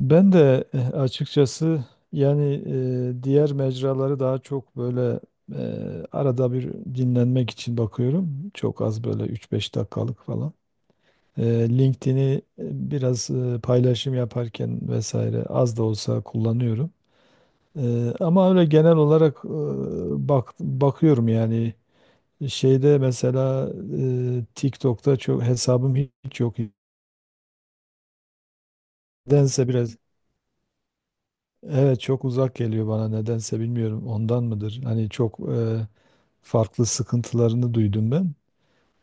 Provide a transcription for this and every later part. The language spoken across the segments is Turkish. Ben de açıkçası yani diğer mecraları daha çok böyle arada bir dinlenmek için bakıyorum. Çok az böyle üç beş dakikalık falan. LinkedIn'i biraz paylaşım yaparken vesaire az da olsa kullanıyorum. Ama öyle genel olarak bakıyorum yani şeyde mesela TikTok'ta çok hesabım hiç yok. Nedense biraz. Evet, çok uzak geliyor bana, nedense bilmiyorum, ondan mıdır? Hani çok farklı sıkıntılarını duydum ben.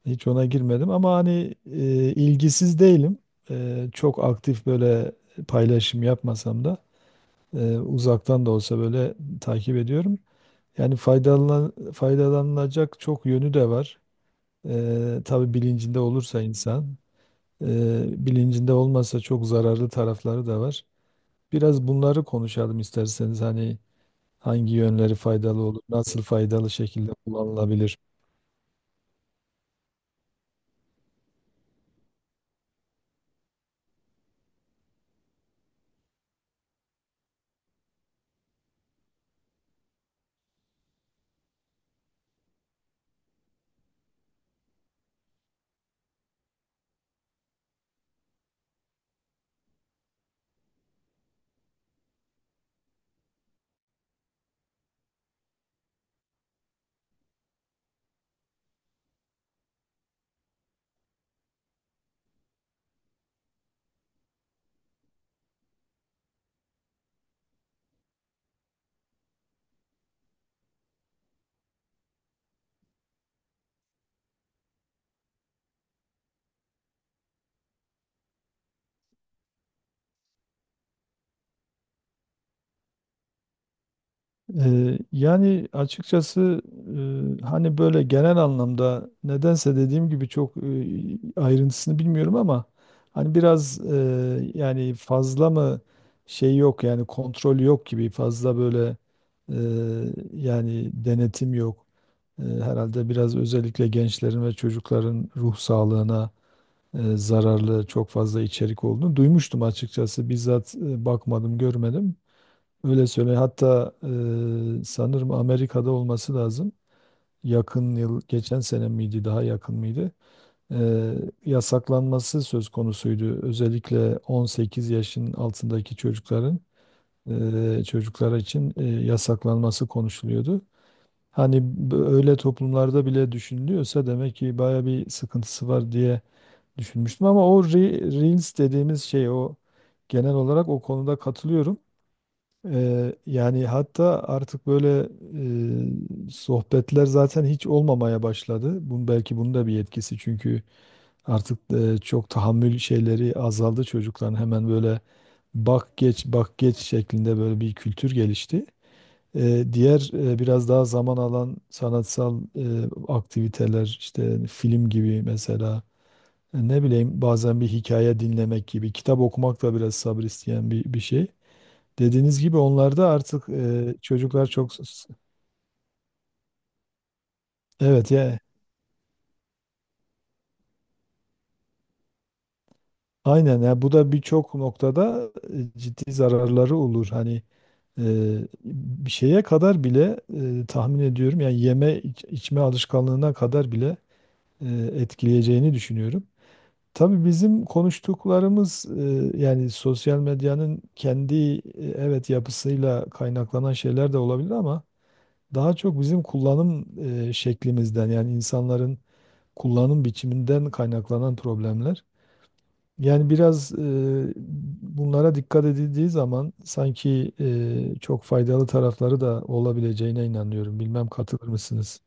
Hiç ona girmedim ama hani ilgisiz değilim. Çok aktif böyle paylaşım yapmasam da uzaktan da olsa böyle takip ediyorum. Yani faydalanılacak çok yönü de var. Tabii bilincinde olursa insan, bilincinde olmasa çok zararlı tarafları da var. Biraz bunları konuşalım isterseniz hani. Hangi yönleri faydalı olur? Nasıl faydalı şekilde kullanılabilir? Yani açıkçası hani böyle genel anlamda nedense dediğim gibi çok ayrıntısını bilmiyorum ama hani biraz yani fazla mı şey yok yani kontrol yok gibi fazla böyle e, yani denetim yok. Herhalde biraz özellikle gençlerin ve çocukların ruh sağlığına zararlı çok fazla içerik olduğunu duymuştum açıkçası. Bizzat bakmadım, görmedim. Öyle söyle. Hatta sanırım Amerika'da olması lazım. Yakın yıl, geçen sene miydi, daha yakın mıydı? E, Yasaklanması söz konusuydu. Özellikle 18 yaşın altındaki çocukların çocuklar için yasaklanması konuşuluyordu. Hani öyle toplumlarda bile düşünülüyorsa demek ki baya bir sıkıntısı var diye düşünmüştüm ama o Reels dediğimiz şey, o genel olarak o konuda katılıyorum. Yani hatta artık böyle sohbetler zaten hiç olmamaya başladı. Bunun belki bunun da bir etkisi çünkü artık çok tahammül şeyleri azaldı çocukların, hemen böyle bak geç bak geç şeklinde böyle bir kültür gelişti. Diğer biraz daha zaman alan sanatsal aktiviteler işte film gibi mesela, ne bileyim bazen bir hikaye dinlemek gibi, kitap okumak da biraz sabır isteyen bir şey. Dediğiniz gibi onlarda artık çocuklar çok... Evet ya, aynen ya, bu da birçok noktada ciddi zararları olur. Hani e, bir şeye kadar bile tahmin ediyorum, yani içme alışkanlığına kadar bile e, etkileyeceğini düşünüyorum. Tabii bizim konuştuklarımız yani sosyal medyanın kendi evet yapısıyla kaynaklanan şeyler de olabilir ama daha çok bizim kullanım şeklimizden, yani insanların kullanım biçiminden kaynaklanan problemler. Yani biraz bunlara dikkat edildiği zaman sanki çok faydalı tarafları da olabileceğine inanıyorum. Bilmem katılır mısınız?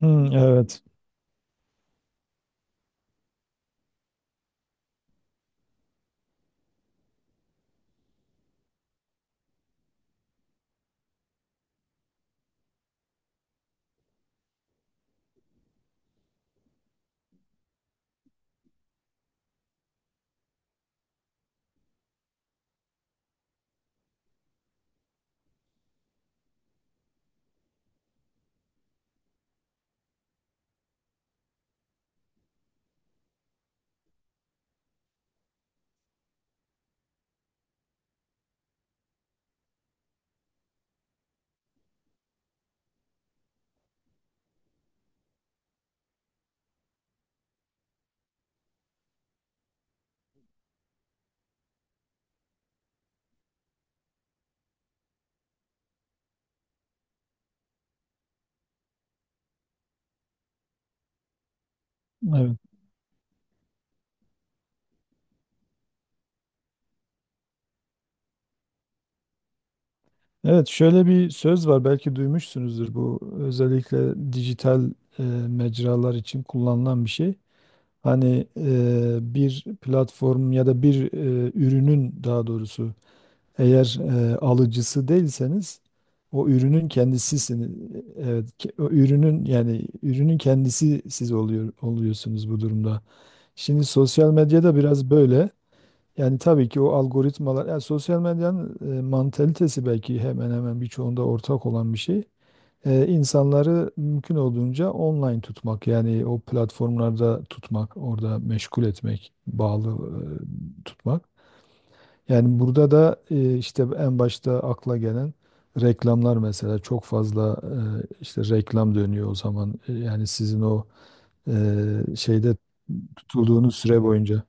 Hmm, evet. Evet. Evet, şöyle bir söz var, belki duymuşsunuzdur, bu özellikle dijital e, mecralar için kullanılan bir şey. Hani bir platform ya da bir ürünün daha doğrusu, eğer alıcısı değilseniz o ürünün kendisisiniz. Evet, o ürünün, yani ürünün kendisi siz oluyorsunuz bu durumda. Şimdi sosyal medyada biraz böyle. Yani tabii ki o algoritmalar, yani sosyal medyanın mantalitesi belki hemen hemen birçoğunda ortak olan bir şey, insanları mümkün olduğunca online tutmak, yani o platformlarda tutmak, orada meşgul etmek, bağlı tutmak. Yani burada da işte en başta akla gelen reklamlar mesela, çok fazla işte reklam dönüyor o zaman. Yani sizin o şeyde tutulduğunuz süre boyunca.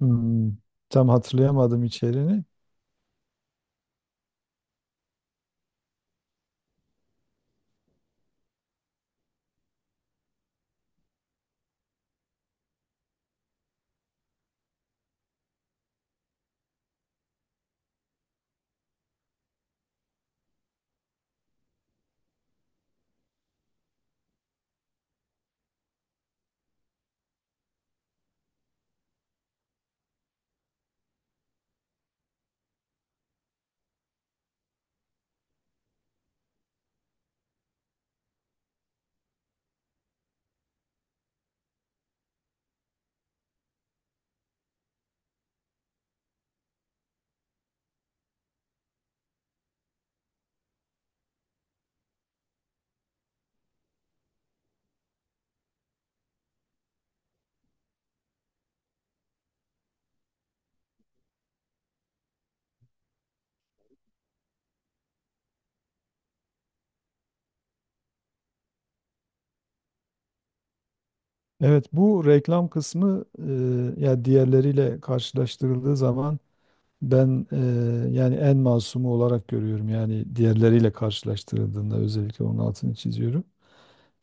Hmm, tam hatırlayamadım içeriğini. Evet, bu reklam kısmı ya diğerleriyle karşılaştırıldığı zaman ben yani en masumu olarak görüyorum. Yani diğerleriyle karşılaştırıldığında özellikle onun altını çiziyorum.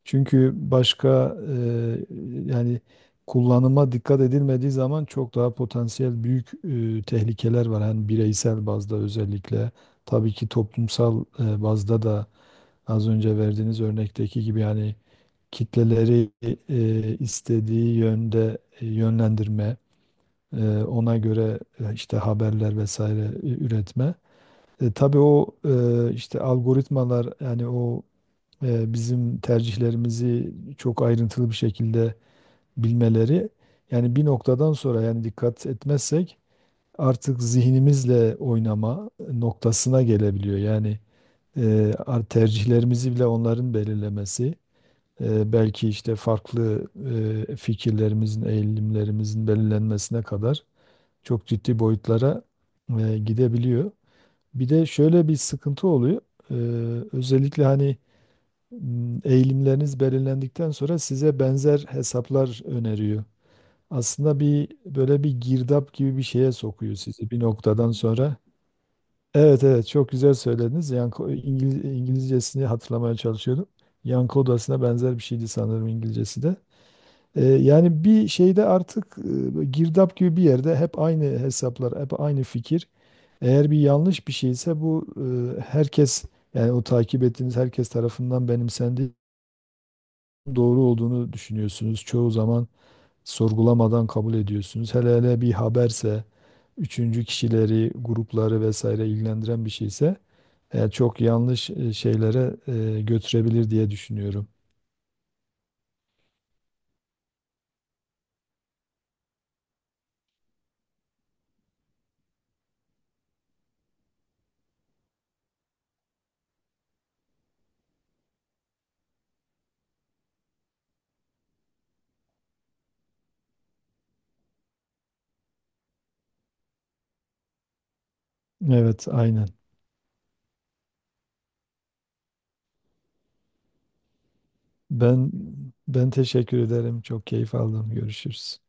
Çünkü başka yani kullanıma dikkat edilmediği zaman çok daha potansiyel büyük tehlikeler var. Hani bireysel bazda özellikle, tabii ki toplumsal bazda da, az önce verdiğiniz örnekteki gibi yani kitleleri istediği yönde yönlendirme, ona göre işte haberler vesaire üretme. Tabii o işte algoritmalar, yani o bizim tercihlerimizi çok ayrıntılı bir şekilde bilmeleri, yani bir noktadan sonra, yani dikkat etmezsek artık zihnimizle oynama noktasına gelebiliyor. Yani tercihlerimizi bile onların belirlemesi, belki işte farklı fikirlerimizin, eğilimlerimizin belirlenmesine kadar çok ciddi boyutlara gidebiliyor. Bir de şöyle bir sıkıntı oluyor. Ee, Özellikle hani eğilimleriniz belirlendikten sonra size benzer hesaplar öneriyor. Aslında bir böyle bir girdap gibi bir şeye sokuyor sizi bir noktadan sonra. Evet, evet, çok güzel söylediniz. Yanko, İngiliz, İngilizcesini hatırlamaya çalışıyordum. Yankı odasına benzer bir şeydi sanırım İngilizcesi de. Yani bir şeyde artık girdap gibi bir yerde hep aynı hesaplar, hep aynı fikir. Eğer bir yanlış bir şeyse bu, herkes, yani o takip ettiğiniz herkes tarafından benimsendiği, doğru olduğunu düşünüyorsunuz. Çoğu zaman sorgulamadan kabul ediyorsunuz. Hele hele bir haberse, üçüncü kişileri, grupları vesaire ilgilendiren bir şeyse çok yanlış şeylere götürebilir diye düşünüyorum. Evet, aynen. Ben Ben teşekkür ederim. Çok keyif aldım. Görüşürüz.